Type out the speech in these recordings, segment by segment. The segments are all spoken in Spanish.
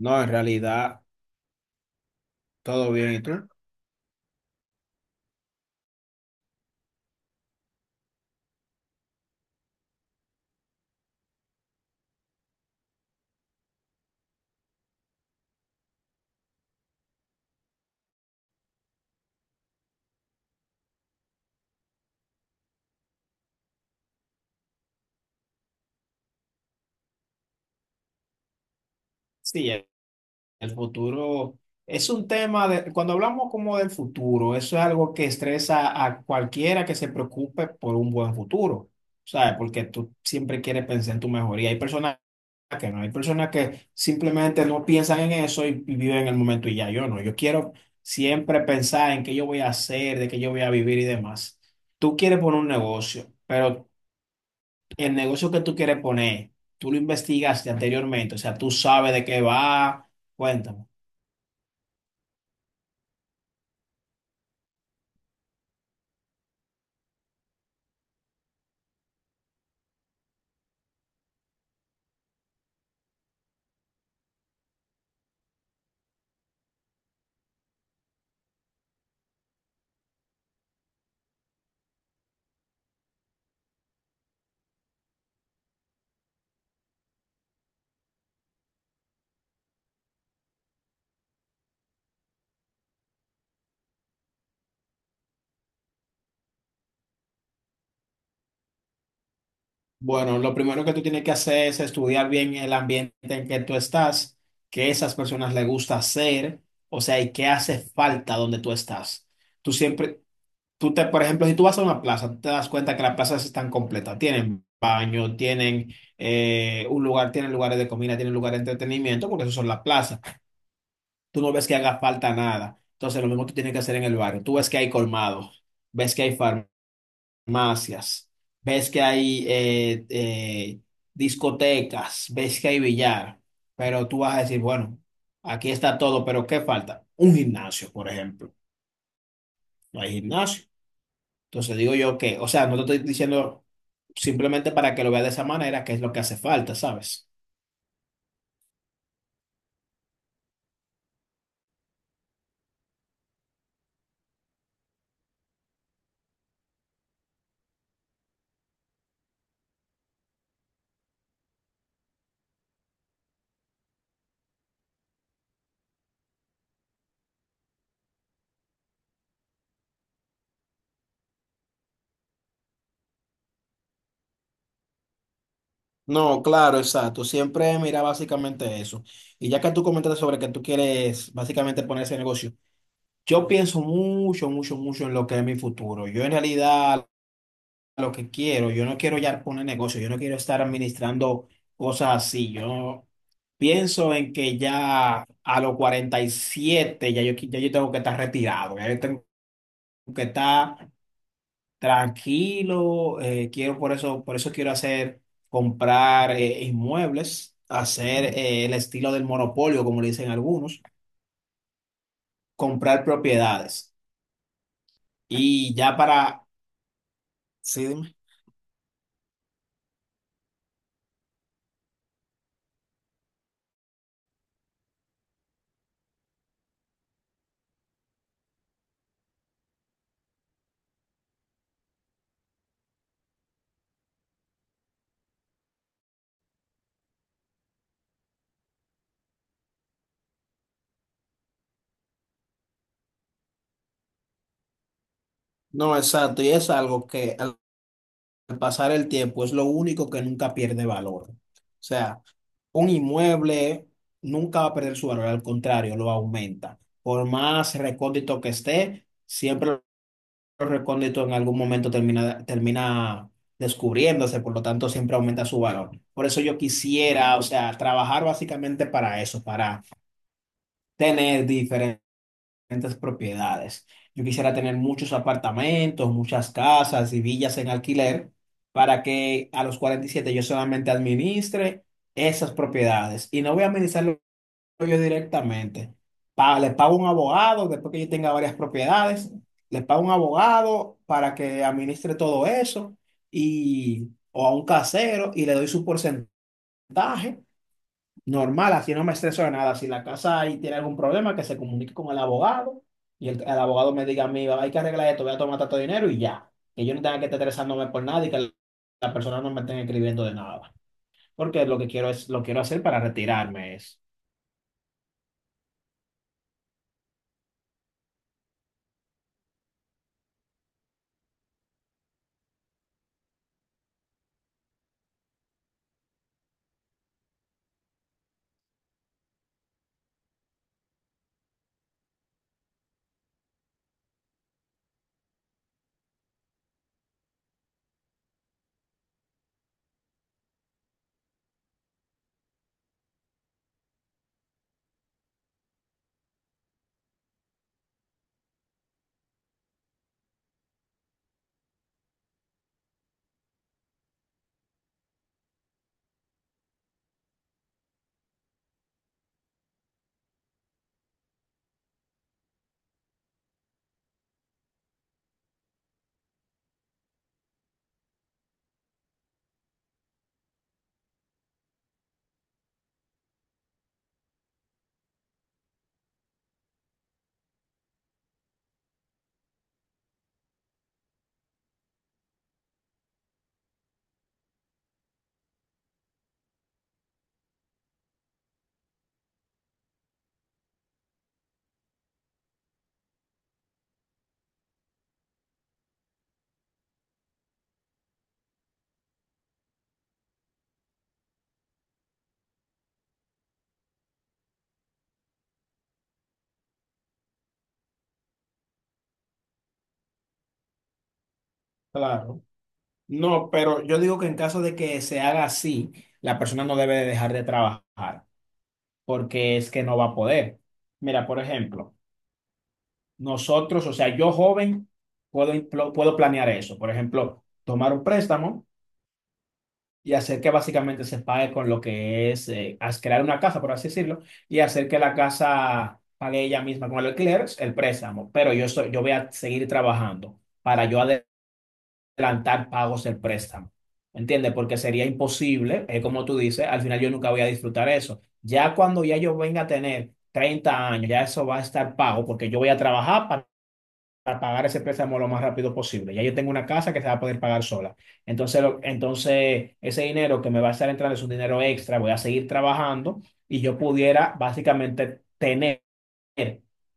No, en realidad, todo bien. ¿Y tú? Sí, el futuro es un tema de, cuando hablamos como del futuro, eso es algo que estresa a cualquiera que se preocupe por un buen futuro, ¿sabes? Porque tú siempre quieres pensar en tu mejoría. Hay personas que no, hay personas que simplemente no piensan en eso y viven el momento y ya yo no. Yo quiero siempre pensar en qué yo voy a hacer, de qué yo voy a vivir y demás. Tú quieres poner un negocio, pero el negocio que tú quieres poner, tú lo investigaste anteriormente, o sea, tú sabes de qué va. Cuéntame. Bueno, lo primero que tú tienes que hacer es estudiar bien el ambiente en que tú estás, qué esas personas les gusta hacer, o sea, y qué hace falta donde tú estás. Tú siempre, tú te, por ejemplo, si tú vas a una plaza, tú te das cuenta que las plazas están completas, tienen baño, tienen un lugar, tienen lugares de comida, tienen lugares de entretenimiento, porque eso son las plazas. Tú no ves que haga falta nada. Entonces, lo mismo tú tienes que hacer en el barrio. Tú ves que hay colmados, ves que hay farmacias, ves que hay discotecas, ves que hay billar, pero tú vas a decir, bueno, aquí está todo, pero ¿qué falta? Un gimnasio, por ejemplo. No hay gimnasio. Entonces, digo yo que, o sea, no te estoy diciendo simplemente para que lo veas de esa manera, que es lo que hace falta, ¿sabes? No, claro, exacto. Siempre mira básicamente eso. Y ya que tú comentaste sobre que tú quieres básicamente poner ese negocio, yo pienso mucho, mucho, mucho en lo que es mi futuro. Yo en realidad lo que quiero, yo no quiero ya poner negocio, yo no quiero estar administrando cosas así. Yo pienso en que ya a los 47 ya yo, ya yo tengo que estar retirado, ya yo tengo que estar tranquilo, quiero por eso quiero hacer, comprar inmuebles, hacer el estilo del monopolio, como le dicen algunos, comprar propiedades. Y ya para, sí, dime. No, exacto, y es algo que al pasar el tiempo es lo único que nunca pierde valor. O sea, un inmueble nunca va a perder su valor, al contrario, lo aumenta. Por más recóndito que esté, siempre recóndito en algún momento termina, termina descubriéndose, por lo tanto siempre aumenta su valor. Por eso yo quisiera, o sea, trabajar básicamente para eso, para tener diferentes propiedades. Yo quisiera tener muchos apartamentos, muchas casas y villas en alquiler para que a los 47 yo solamente administre esas propiedades. Y no voy a administrar yo directamente. Le pago un abogado, después que yo tenga varias propiedades, le pago un abogado para que administre todo eso y, o a un casero y le doy su porcentaje normal, así no me estreso de nada. Si la casa ahí tiene algún problema, que se comunique con el abogado y el abogado me diga a mí, hay que arreglar esto, voy a tomar tanto dinero y ya. Que yo no tenga que estar estresándome por nada y que la persona no me esté escribiendo de nada. Porque lo que quiero es, lo quiero hacer para retirarme es. Claro. No, pero yo digo que en caso de que se haga así, la persona no debe de dejar de trabajar, porque es que no va a poder. Mira, por ejemplo, nosotros, o sea, yo joven, puedo, puedo planear eso. Por ejemplo, tomar un préstamo y hacer que básicamente se pague con lo que es crear una casa, por así decirlo, y hacer que la casa pague ella misma con el alquiler, el préstamo. Pero yo voy a seguir trabajando para yo adelantar pagos del préstamo. ¿Entiendes? Porque sería imposible, como tú dices, al final yo nunca voy a disfrutar eso. Ya cuando ya yo venga a tener 30 años, ya eso va a estar pago porque yo voy a trabajar para, pagar ese préstamo lo más rápido posible. Ya yo tengo una casa que se va a poder pagar sola. Entonces, entonces ese dinero que me va a estar entrando es un dinero extra, voy a seguir trabajando y yo pudiera básicamente tener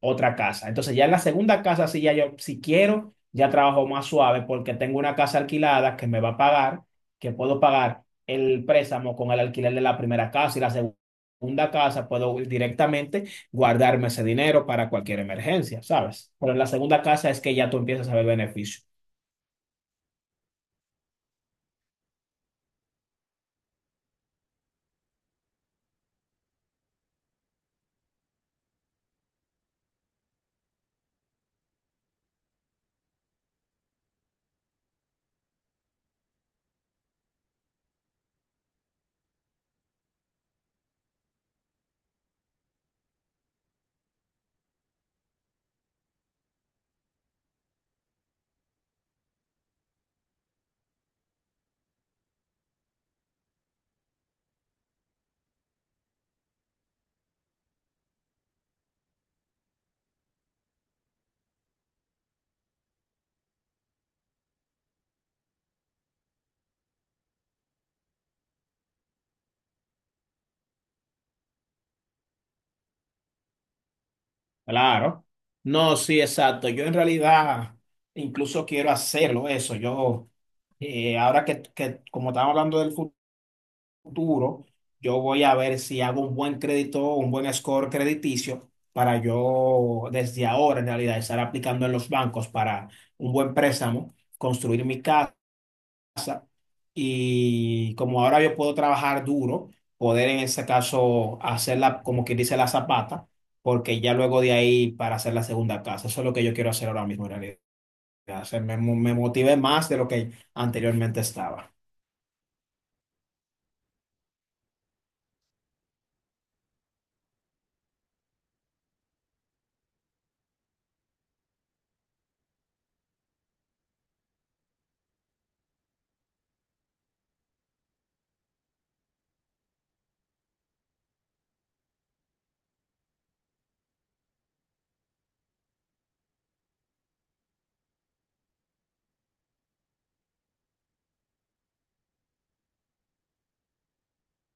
otra casa. Entonces ya en la segunda casa, si ya yo, si quiero, ya trabajo más suave porque tengo una casa alquilada que me va a pagar, que puedo pagar el préstamo con el alquiler de la primera casa y la segunda casa, puedo directamente guardarme ese dinero para cualquier emergencia, ¿sabes? Pero en la segunda casa es que ya tú empiezas a ver beneficio. Claro. No, sí, exacto. Yo en realidad incluso quiero hacerlo eso. Yo, ahora que como estamos hablando del futuro, futuro, yo voy a ver si hago un buen crédito, un buen score crediticio para yo desde ahora en realidad estar aplicando en los bancos para un buen préstamo, construir mi casa y como ahora yo puedo trabajar duro, poder en ese caso hacerla como quien dice la zapata, porque ya luego de ahí para hacer la segunda casa, eso es lo que yo quiero hacer ahora mismo en realidad. O sea, me motivé más de lo que anteriormente estaba.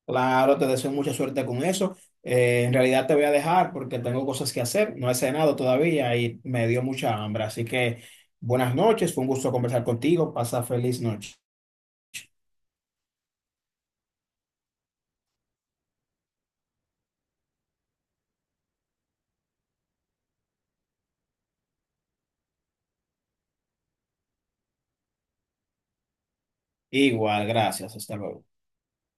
Claro, te deseo mucha suerte con eso. En realidad te voy a dejar porque tengo cosas que hacer. No he cenado todavía y me dio mucha hambre. Así que buenas noches, fue un gusto conversar contigo. Pasa feliz noche. Igual, gracias. Hasta luego.